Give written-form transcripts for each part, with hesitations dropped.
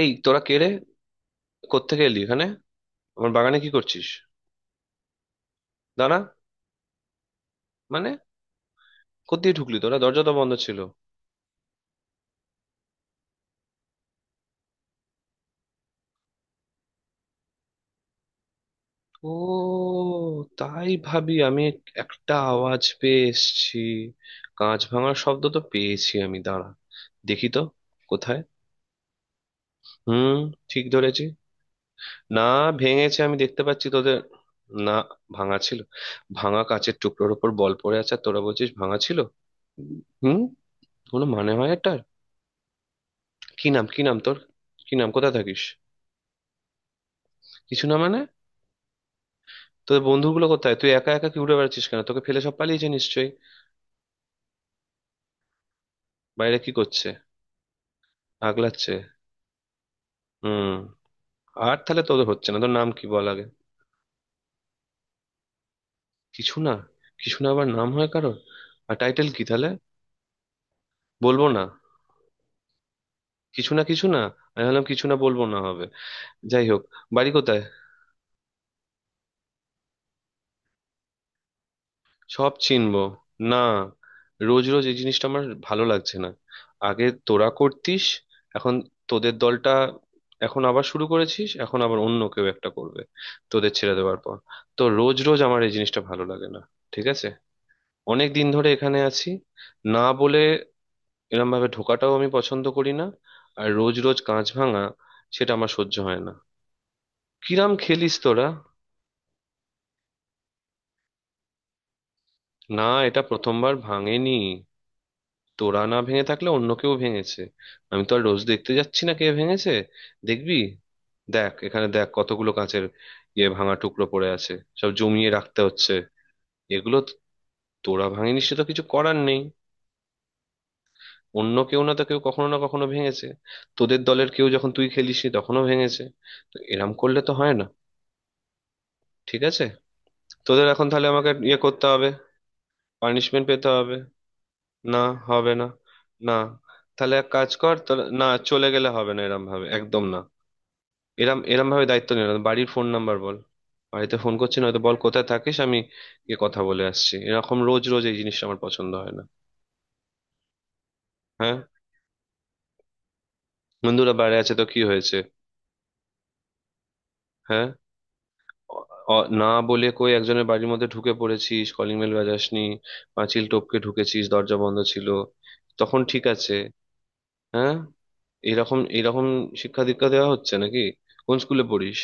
এই তোরা কে রে? কোত্থেকে এলি এখানে? আমার বাগানে কি করছিস? দাঁড়া। মানে কোত্থেকে ঢুকলি তোরা, দরজা তো বন্ধ ছিল? ও, তাই ভাবি আমি, একটা আওয়াজ পেয়ে এসেছি। কাঁচ ভাঙার শব্দ তো পেয়েছি আমি, দাঁড়া, দেখি তো কোথায়। হুম, ঠিক ধরেছি। না, ভেঙেছে, আমি দেখতে পাচ্ছি তোদের। না, ভাঙা ছিল? ভাঙা কাঁচের টুকরোর উপর বল পড়ে আছে, আর তোরা বলছিস ভাঙা ছিল? হুম, কোনো মানে হয় এটা? কি নাম, কি নাম তোর? কি নাম, কোথায় থাকিস? কিছু না মানে? তোদের বন্ধুগুলো কোথায়? তুই একা একা কি উড়ে বেড়াচ্ছিস? কেন, তোকে ফেলে সব পালিয়েছে নিশ্চয়ই। বাইরে কি করছে? আগলাচ্ছে। হুম। আর তাহলে তোদের হচ্ছে না, তোর নাম কি বল আগে। কিছু না? কিছু না আবার নাম হয় কারোর? আর টাইটেল কি তাহলে, বলবো না? কিছু না, কিছু না। আমি ভাবলাম কিছু না বলবো না হবে। যাই হোক, বাড়ি কোথায়? সব চিনবো। না, রোজ রোজ এই জিনিসটা আমার ভালো লাগছে না। আগে তোরা করতিস, এখন তোদের দলটা এখন আবার শুরু করেছিস, এখন আবার অন্য কেউ একটা করবে তোদের ছেড়ে দেওয়ার পর। তো রোজ রোজ আমার এই জিনিসটা ভালো লাগে না, ঠিক আছে? অনেক দিন ধরে এখানে আছি। না বলে এরম ভাবে ঢোকাটাও আমি পছন্দ করি না, আর রোজ রোজ কাঁচ ভাঙা, সেটা আমার সহ্য হয় না। কিরাম খেলিস তোরা? না, এটা প্রথমবার ভাঙেনি। তোরা না ভেঙে থাকলে অন্য কেউ ভেঙেছে, আমি তো আর রোজ দেখতে যাচ্ছি না কে ভেঙেছে। দেখবি, দেখ এখানে, দেখ কতগুলো কাঁচের ইয়ে ভাঙা টুকরো পড়ে আছে, সব জমিয়ে রাখতে হচ্ছে। এগুলো তো- তোরা ভাঙিনি সে তো কিছু করার নেই, অন্য কেউ না তো কেউ কখনো না কখনো ভেঙেছে। তোদের দলের কেউ যখন তুই খেলিসনি তখনও ভেঙেছে। তো এরম করলে তো হয় না, ঠিক আছে? তোদের এখন তাহলে আমাকে ইয়ে করতে হবে, পানিশমেন্ট পেতে হবে। না, হবে না। না, তাহলে এক কাজ কর, না চলে গেলে হবে না এরম ভাবে, একদম না। এরম এরম ভাবে দায়িত্ব নিল না। বাড়ির ফোন নাম্বার বল, বাড়িতে ফোন করছি, না হয়তো বল কোথায় থাকিস, আমি গিয়ে কথা বলে আসছি। এরকম রোজ রোজ এই জিনিসটা আমার পছন্দ হয় না। হ্যাঁ। বন্ধুরা বাইরে আছে তো কি হয়েছে? হ্যাঁ। অ- না বলে কই একজনের বাড়ির মধ্যে ঢুকে পড়েছিস, কলিং বেল বাজাসনি, পাঁচিল টপকে ঢুকেছিস, দরজা বন্ধ ছিল তখন, ঠিক আছে? হ্যাঁ, এরকম এরকম শিক্ষা দীক্ষা দেওয়া হচ্ছে নাকি? কোন স্কুলে পড়িস?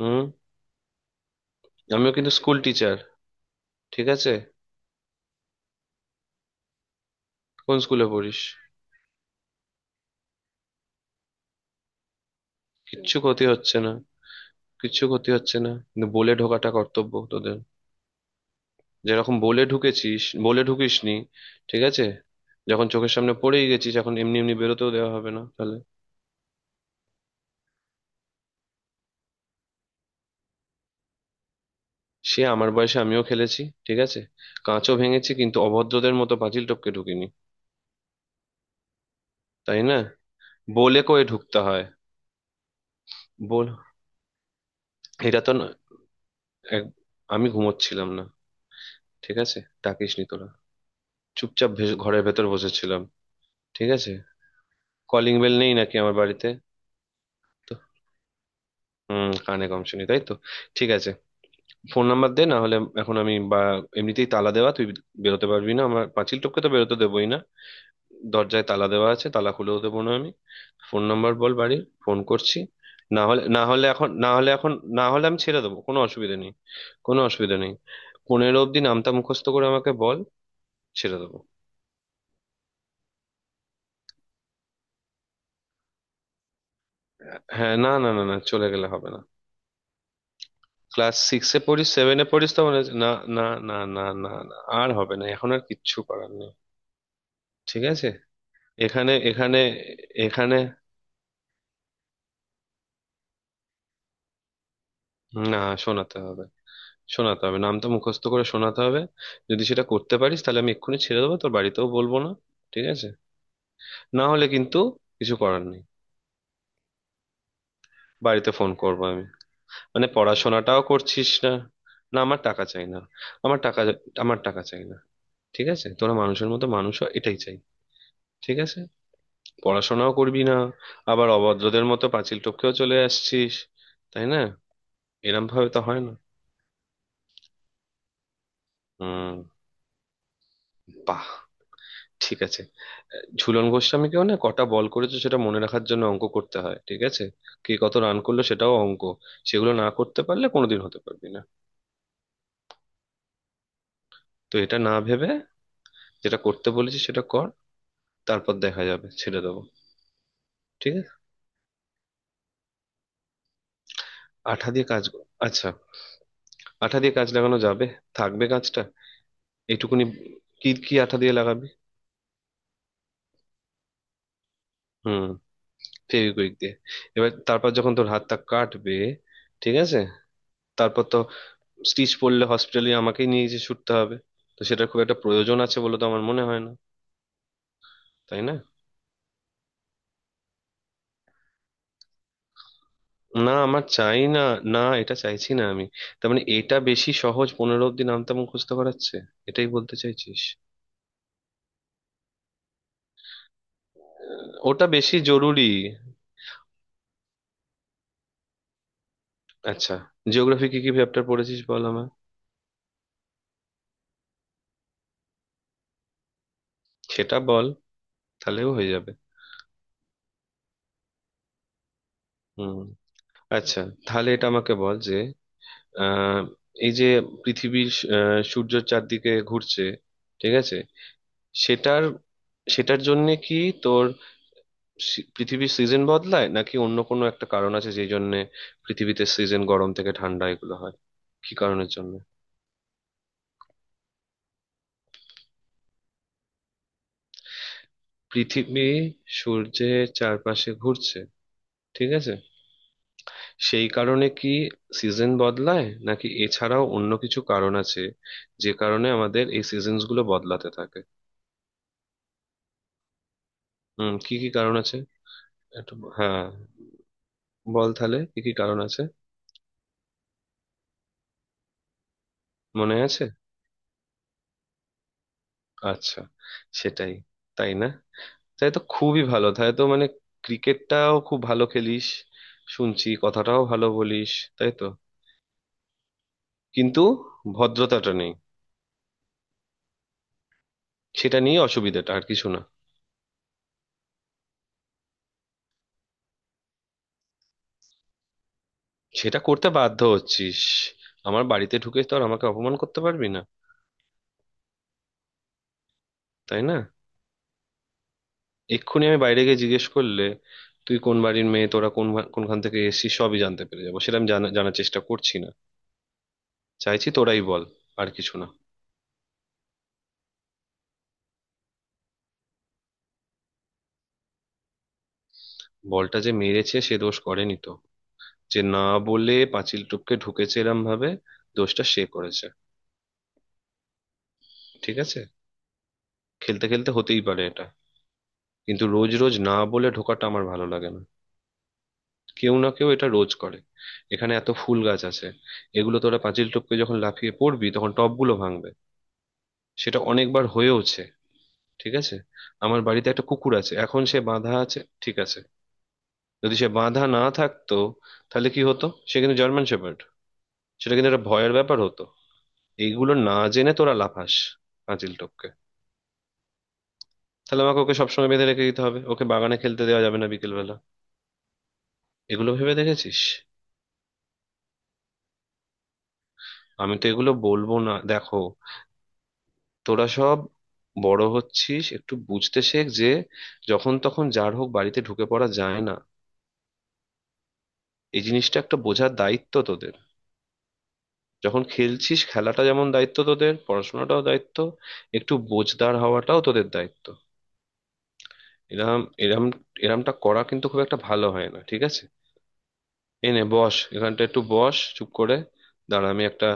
হুম, আমিও কিন্তু স্কুল টিচার, ঠিক আছে? কোন স্কুলে পড়িস? কিচ্ছু ক্ষতি হচ্ছে না, কিছু ক্ষতি হচ্ছে না, কিন্তু বলে ঢোকাটা কর্তব্য তোদের। যেরকম বলে ঢুকেছিস, বলে ঢুকিসনি, ঠিক আছে? যখন চোখের সামনে পড়েই গেছিস, এখন এমনি এমনি বেরোতেও দেওয়া হবে না তাহলে। সে আমার বয়সে আমিও খেলেছি, ঠিক আছে? কাঁচও ভেঙেছি, কিন্তু অভদ্রদের মতো পাঁচিল টপকে ঢুকিনি, তাই না? বলে কয়ে ঢুকতে হয়। বল, এটা তো না- এক- আমি ঘুমোচ্ছিলাম না, ঠিক আছে? ডাকিসনি তোরা, চুপচাপ ঘরের ভেতর বসেছিলাম। ঠিক আছে, কলিং বেল নেই নাকি আমার বাড়িতে? তো হুম, কানে কম শুনি তাই তো, ঠিক আছে। ফোন নাম্বার দে না হলে। এখন আমি বা এমনিতেই তালা দেওয়া, তুই বেরোতে পারবি না, আমার পাঁচিল টপকে তো বেরোতে দেবোই না, দরজায় তালা দেওয়া আছে, তালা খুলেও দেবো না আমি। ফোন নাম্বার বল, বাড়ির ফোন করছি। না হলে, না হলে এখন, না হলে এখন, না হলে আমি ছেড়ে দেবো, কোনো অসুবিধা নেই, কোনো অসুবিধা নেই। 15 অব্দি নামটা মুখস্থ করে আমাকে বল, ছেড়ে দেবো। হ্যাঁ, না না না না, চলে গেলে হবে না। ক্লাস সিক্সে পড়িস, সেভেনে পড়িস তো মনে না, না, না না না না আর হবে না, এখন আর কিচ্ছু করার নেই, ঠিক আছে? এখানে, এখানে, এখানে। না, শোনাতে হবে, শোনাতে হবে, নামটা মুখস্থ করে শোনাতে হবে। যদি সেটা করতে পারিস তাহলে আমি এক্ষুনি ছেড়ে দেবো, তোর বাড়িতেও বলবো না, ঠিক আছে? না হলে কিন্তু কিছু করার নেই, বাড়িতে ফোন করবো আমি। মানে পড়াশোনাটাও করছিস না? না, আমার টাকা চাই না। আমার টাকা, আমার টাকা চাই না। ঠিক আছে, তোরা মানুষের মতো মানুষ হ, এটাই চাই, ঠিক আছে? পড়াশোনাও করবি না, আবার অভদ্রদের মতো পাঁচিল টপকেও চলে আসছিস, তাই না? এরম ভাবে তো হয় না। হুম, ঠিক আছে। ঝুলন গোস্বামীকেও না কটা বল করেছে সেটা মনে রাখার জন্য অঙ্ক করতে হয়, ঠিক আছে? কে কত রান করলো সেটাও অঙ্ক। সেগুলো না করতে পারলে কোনোদিন হতে পারবি না। তো এটা না ভেবে, যেটা করতে বলেছি সেটা কর, তারপর দেখা যাবে, ছেড়ে দেবো। ঠিক আছে, আঠা দিয়ে কাজ কর। আচ্ছা, আঠা দিয়ে কাজ লাগানো যাবে? থাকবে কাজটা? এইটুকুনি, কি কি আঠা দিয়ে লাগাবি? হুম, ফেভিকুইক দিয়ে। এবার তারপর যখন তোর হাতটা কাটবে, ঠিক আছে, তারপর তো স্টিচ পড়লে হসপিটালে আমাকেই নিয়ে গিয়ে ছুটতে হবে। তো সেটা খুব একটা প্রয়োজন আছে বলে তো আমার মনে হয় না, তাই না? না, আমার চাই না, না এটা চাইছি না আমি। তার মানে এটা বেশি সহজ, 15 অব্দি নামতে মুখস্থ করাচ্ছে, এটাই বলতে চাইছিস? ওটা বেশি জরুরি। আচ্ছা, জিওগ্রাফি কি কি চ্যাপ্টার পড়েছিস বল আমার, সেটা বল, তাহলেও হয়ে যাবে। হুম, আচ্ছা, তাহলে এটা আমাকে বল যে, আহ, এই যে পৃথিবীর, সূর্যের চারদিকে ঘুরছে, ঠিক আছে, সেটার, সেটার জন্যে কি তোর পৃথিবীর সিজন বদলায়, নাকি অন্য কোনো একটা কারণ আছে যেই জন্যে পৃথিবীতে সিজন গরম থেকে ঠান্ডা এগুলো হয়, কি কারণের জন্য? পৃথিবী সূর্যের চারপাশে ঘুরছে, ঠিক আছে, সেই কারণে কি সিজন বদলায় নাকি এছাড়াও অন্য কিছু কারণ আছে যে কারণে আমাদের এই সিজনস গুলো বদলাতে থাকে? হুম, কি কি কারণ আছে? একটু হ্যাঁ, বল তাহলে কি কি কারণ আছে। মনে আছে, আচ্ছা, সেটাই, তাই না? তাই তো, খুবই ভালো, তাই তো মানে, ক্রিকেটটাও খুব ভালো খেলিস, শুনছি কথাটাও ভালো বলিস, তাই তো। কিন্তু ভদ্রতাটা নেই, সেটা নিয়ে অসুবিধাটা, আর কিছু না। সেটা করতে বাধ্য হচ্ছিস, আমার বাড়িতে ঢুকে তো আর আমাকে অপমান করতে পারবি না, তাই না? এক্ষুনি আমি বাইরে গিয়ে জিজ্ঞেস করলে তুই কোন বাড়ির মেয়ে, তোরা কোন কোনখান থেকে এসেছিস সবই জানতে পেরে যাবো। সেটা আমি জানার চেষ্টা করছি না, চাইছি তোরাই বল, আর কিছু না। বলটা যে মেরেছে সে দোষ করেনি তো? যে না বলে পাঁচিল টপকে ঢুকেছে এরম ভাবে, দোষটা সে করেছে, ঠিক আছে? খেলতে খেলতে হতেই পারে এটা, কিন্তু রোজ রোজ না বলে ঢোকাটা আমার ভালো লাগে না। কেউ না কেউ এটা রোজ করে। এখানে এত ফুল গাছ আছে, এগুলো তোরা পাঁচিল টপকে যখন লাফিয়ে পড়বি তখন টবগুলো ভাঙবে, সেটা অনেকবার হয়েওছে, ঠিক আছে? আমার বাড়িতে একটা কুকুর আছে, এখন সে বাঁধা আছে, ঠিক আছে? যদি সে বাঁধা না থাকতো তাহলে কি হতো? সে কিন্তু জার্মান শেপার্ড, সেটা কিন্তু একটা ভয়ের ব্যাপার হতো। এইগুলো না জেনে তোরা লাফাস পাঁচিল টপকে, তাহলে আমাকে ওকে সবসময় বেঁধে রেখে দিতে হবে, ওকে বাগানে খেলতে দেওয়া যাবে না বিকেল বেলা। এগুলো ভেবে দেখেছিস? আমি তো এগুলো বলবো না, দেখো তোরা সব বড় হচ্ছিস, একটু বুঝতে শেখ যে যখন তখন যার হোক বাড়িতে ঢুকে পড়া যায় না, এই জিনিসটা একটা বোঝার দায়িত্ব তোদের। যখন খেলছিস, খেলাটা যেমন দায়িত্ব তোদের, পড়াশোনাটাও দায়িত্ব, একটু বোঝদার হওয়াটাও তোদের দায়িত্ব। এরম এরম, এরমটা করা কিন্তু খুব একটা ভালো হয় না, ঠিক আছে? এনে বস এখানটা, একটু বস চুপ করে, দাঁড়া আমি একটা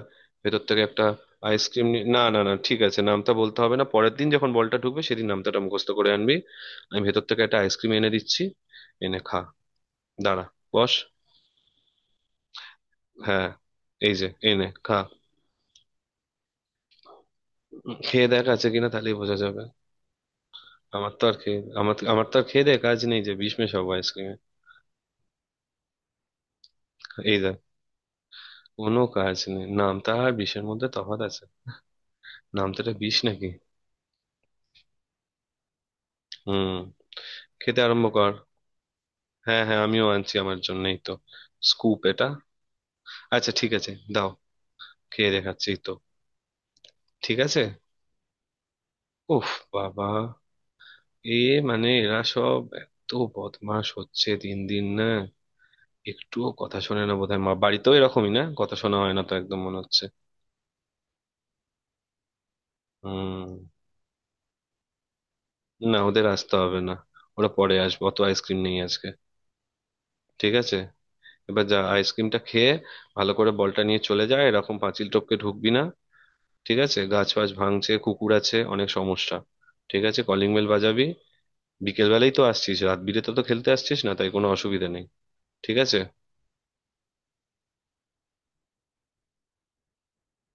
ভেতর থেকে একটা আইসক্রিম নি। না না না, ঠিক আছে, নামটা বলতে হবে না, পরের দিন যখন বলটা ঢুকবে সেদিন নামটা মুখস্থ করে আনবি। আমি ভেতর থেকে একটা আইসক্রিম এনে দিচ্ছি, এনে খা, দাঁড়া, বস। হ্যাঁ, এই যে, এনে খা। খেয়ে দেখ আছে কিনা, তাহলেই বোঝা যাবে। আমার তো আর খেয়ে, আমার, আমার তো আর খেয়ে দেখ কাজ নেই যে বিষ মেশাবো আইসক্রিমে। এই দেখ, কোনো কাজ নেই, নামতা আর বিষের মধ্যে তফাৎ আছে, নামতাটা বিষ নাকি? হুম, খেতে আরম্ভ কর। হ্যাঁ হ্যাঁ, আমিও আনছি, আমার জন্যই তো। স্কুপ এটা, আচ্ছা ঠিক আছে, দাও, খেয়ে দেখাচ্ছি তো, ঠিক আছে। উফ, বাবা, এ, মানে এরা সব এত বদমাশ হচ্ছে দিন দিন, না? একটুও কথা শোনে না, বোধহয় মা বাড়িতেও এরকমই, না কথা শোনা হয় না তো একদম মনে হুম। না, ওদের আসতে হবে না, ওরা পরে আসবে, অত আইসক্রিম নেই আজকে, ঠিক আছে? এবার যা, আইসক্রিমটা খেয়ে ভালো করে বলটা নিয়ে চলে যায়, এরকম পাঁচিল টপকে ঢুকবি না, ঠিক আছে? গাছ ফাছ ভাঙছে, কুকুর আছে, অনেক সমস্যা। ঠিক আছে, কলিং বেল বাজাবি। বিকেল বেলাই তো আসছিস, রাত বিরেতে তো খেলতে আসছিস না, তাই কোনো অসুবিধা নেই, ঠিক আছে।